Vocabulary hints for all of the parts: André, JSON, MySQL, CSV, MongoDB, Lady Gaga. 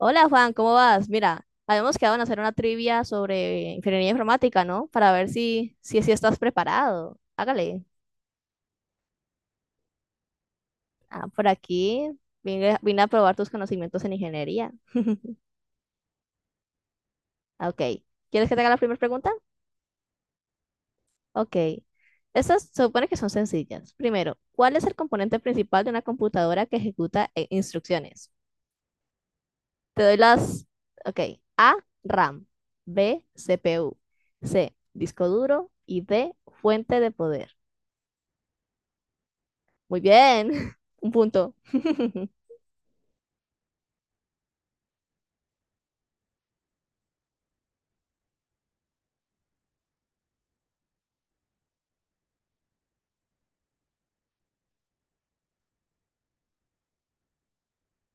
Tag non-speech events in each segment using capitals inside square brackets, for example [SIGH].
Hola Juan, ¿cómo vas? Mira, habíamos quedado en hacer una trivia sobre ingeniería informática, ¿no? Para ver si estás preparado. Hágale. Ah, por aquí vine a probar tus conocimientos en ingeniería. Ah, Ok. ¿Quieres que te haga la primera pregunta? Ok. Estas se supone que son sencillas. Primero, ¿cuál es el componente principal de una computadora que ejecuta instrucciones? Te doy las... Ok. A, RAM. B, CPU. C, disco duro. Y D, fuente de poder. Muy bien, [LAUGHS] un punto. [LAUGHS]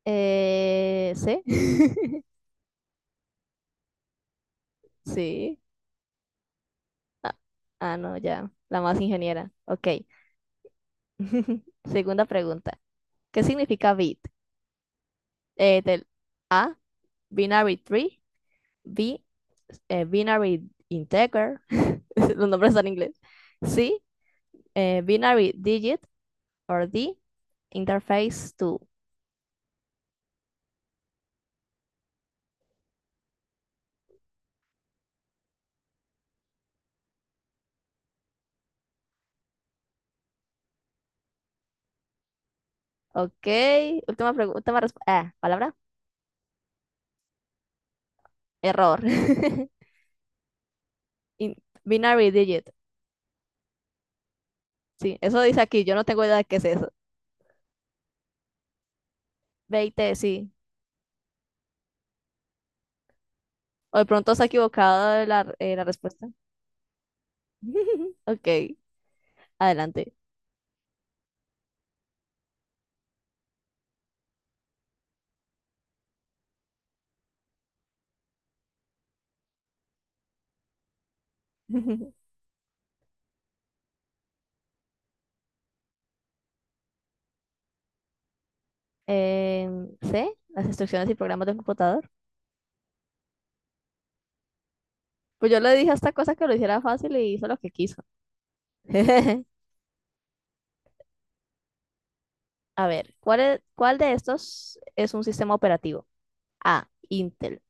¿Sí? [LAUGHS] Sí. Ah, ah, no, ya. La más ingeniera. Ok. [LAUGHS] Segunda pregunta. ¿Qué significa bit? Del A, binary tree. B, binary integer. [LAUGHS] Los nombres están en inglés. C, binary digit. Or D, interface to. Ok. Última pregunta. Última palabra. Error. [LAUGHS] In- binary digit. Sí, eso dice aquí, yo no tengo idea de qué es eso. 20, sí. O de pronto se ha equivocado de la respuesta. [LAUGHS] Ok, adelante. [LAUGHS] C, las instrucciones y programas de computador. Pues yo le dije a esta cosa que lo hiciera fácil y hizo lo que quiso. [LAUGHS] A ver, ¿Cuál de estos es un sistema operativo? A, Intel,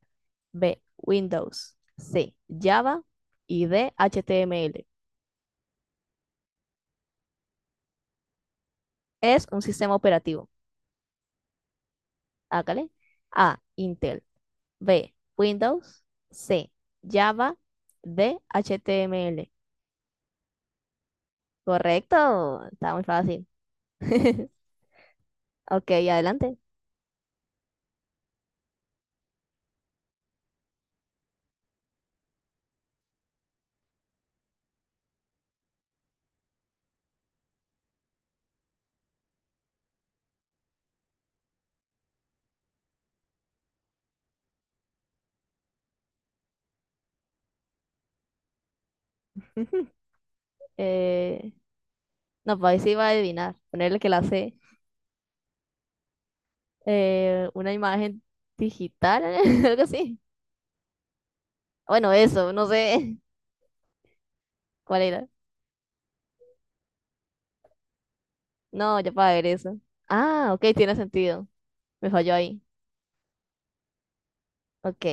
B, Windows, C, Java y D, HTML. Es un sistema operativo. Hágale. A, Intel. B, Windows. C, Java. D, HTML. Correcto, está muy fácil. [LAUGHS] Ok, adelante. [LAUGHS] Eh, no, pues ahí sí iba a adivinar. Ponerle que la C. Una imagen digital, [LAUGHS] algo así. Bueno, eso, no sé [LAUGHS] cuál era. No, ya para ver eso. Ah, ok, tiene sentido. Me falló ahí. Ok.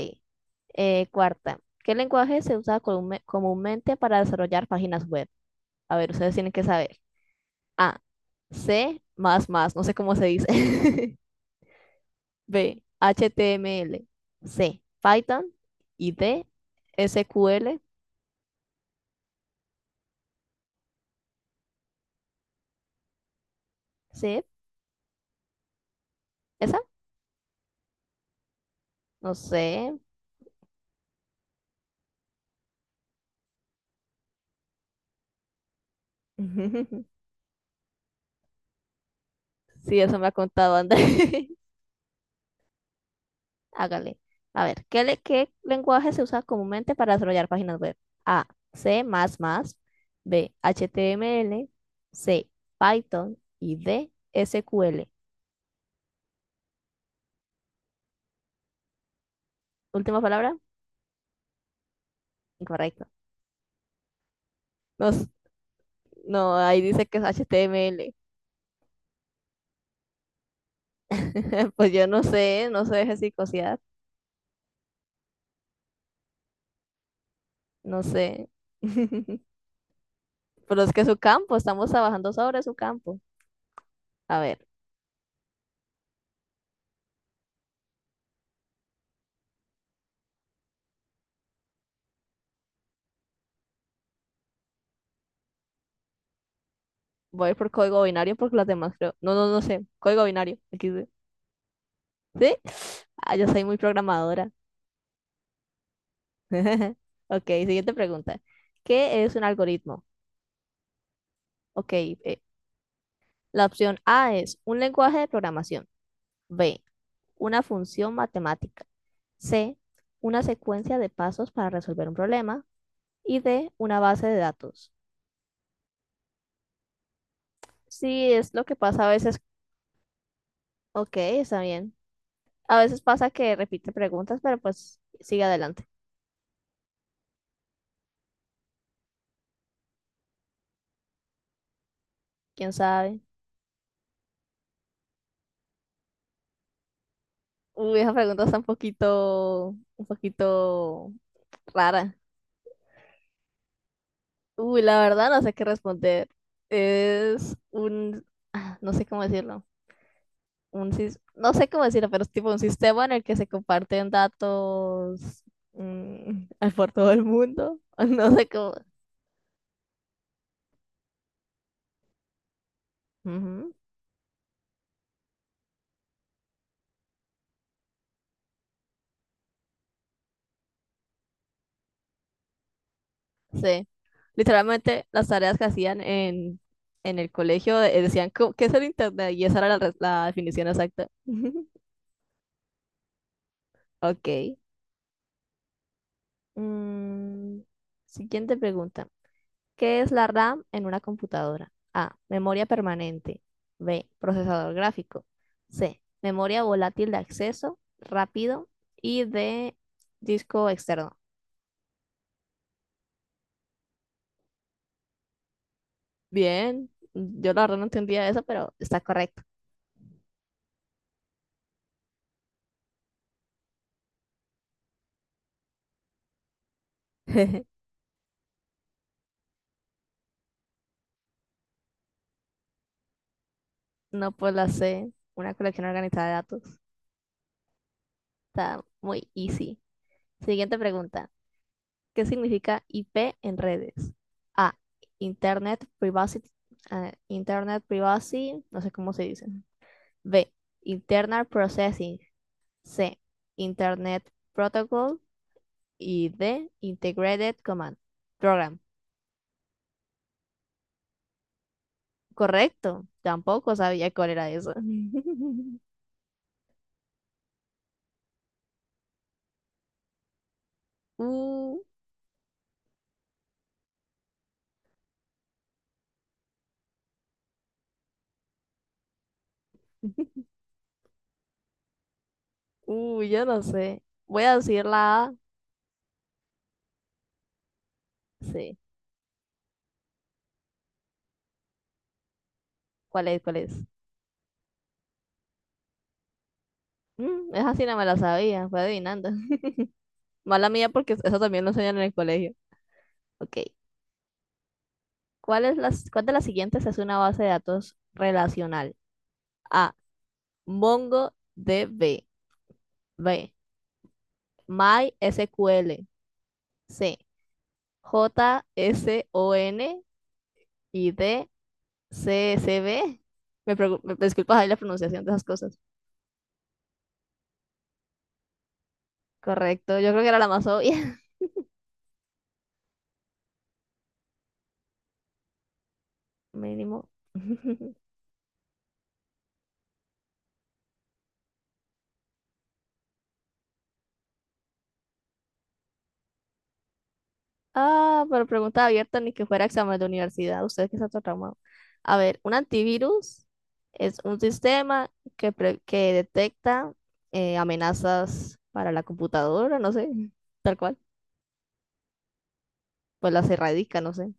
Cuarta. ¿Qué lenguaje se usa comúnmente para desarrollar páginas web? A ver, ustedes tienen que saber. A. C. Más más. No sé cómo se dice. [LAUGHS] B. HTML C. Python. Y D. SQL C. ¿Esa? No sé. [LAUGHS] Sí, eso me ha contado André. [LAUGHS] Hágale. A ver, ¿Qué lenguaje se usa comúnmente para desarrollar páginas web? A. C++. B. HTML C. Python. Y D. s q l Última palabra. Incorrecto. Nos- no, ahí dice que es HTML [LAUGHS] Pues yo no sé, no se deje psicosear, no sé. [LAUGHS] Pero es que es su campo, estamos trabajando sobre su campo. A ver, voy a ir por código binario porque las demás creo. No, no, no sé. Código binario. Aquí sí. ¿Sí? Ah, yo soy muy programadora. [LAUGHS] Ok, siguiente pregunta. ¿Qué es un algoritmo? Ok, la opción A es un lenguaje de programación. B, una función matemática. C, una secuencia de pasos para resolver un problema. Y D, una base de datos. Sí, es lo que pasa a veces. Ok, está bien. A veces pasa que repite preguntas, pero pues sigue adelante. ¿Quién sabe? Uy, esa pregunta está un poquito rara. Uy, la verdad no sé qué responder. Es un, no sé cómo decirlo. No sé cómo decirlo, pero es tipo un sistema en el que se comparten datos mm, [LAUGHS] por todo el mundo. [LAUGHS] No sé cómo. Ujú. Sí. Literalmente las tareas que hacían en el colegio decían, "¿Qué es el internet? Y esa era la definición exacta. [LAUGHS] Ok. Mm, siguiente pregunta. ¿Qué es la RAM en una computadora? A. Memoria permanente. B. Procesador gráfico. C. Memoria volátil de acceso rápido. Y D. Disco externo. Bien. Yo la verdad no entendía eso, pero está correcto. [LAUGHS] No, pues la C, una colección organizada de datos. Está muy easy. Siguiente pregunta. ¿Qué significa IP en redes? A, Internet Privacy, Internet Privacy, no sé cómo se dice. B, Internal Processing. C, Internet Protocol. Y D, Integrated Command Program. Correcto. Tampoco sabía cuál era eso. [LAUGHS] Uh, yo no sé. Voy a decir la A. Sí. ¿Cuál es? ¿Cuál es? Esa sí no me la sabía, fue adivinando. [LAUGHS] Mala mía porque eso también lo enseñan en el colegio. Ok. ¿Cuál de las siguientes es una base de datos relacional? A. MongoDB. B. MySQL. C. JSON. Y D. CSV Me disculpas ahí la pronunciación de esas cosas. Correcto. Yo creo que era la más obvia. [LAUGHS] Mínimo. [LAUGHS] Ah, pero pregunta abierta, ni que fuera examen de universidad. Usted que está todo traumado. A ver, un antivirus es un sistema que detecta amenazas para la computadora, no sé, tal cual. Pues las erradica, no sé.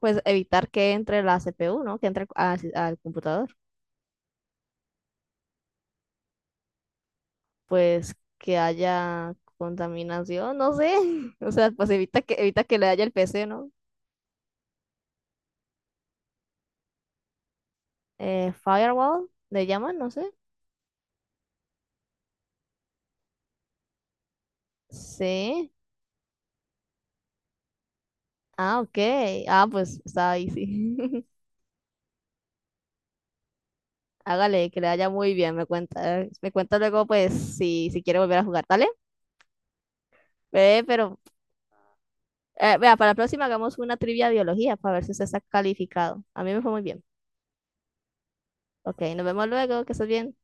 Pues evitar que entre la CPU, ¿no? Que entre al computador. Pues que haya contaminación, no sé. [LAUGHS] O sea, pues evita que le haya el PC, ¿no? Firewall, le llaman, no sé. Sí. Ah, ok. Ah, pues está ahí, sí. [LAUGHS] Hágale, que le vaya muy bien, me cuenta. Me cuenta luego, pues, si quiere volver a jugar, ¿vale? Ve, pero, vea, para la próxima hagamos una trivia de biología para ver si usted está calificado. A mí me fue muy bien. Ok, nos vemos luego, que estés bien.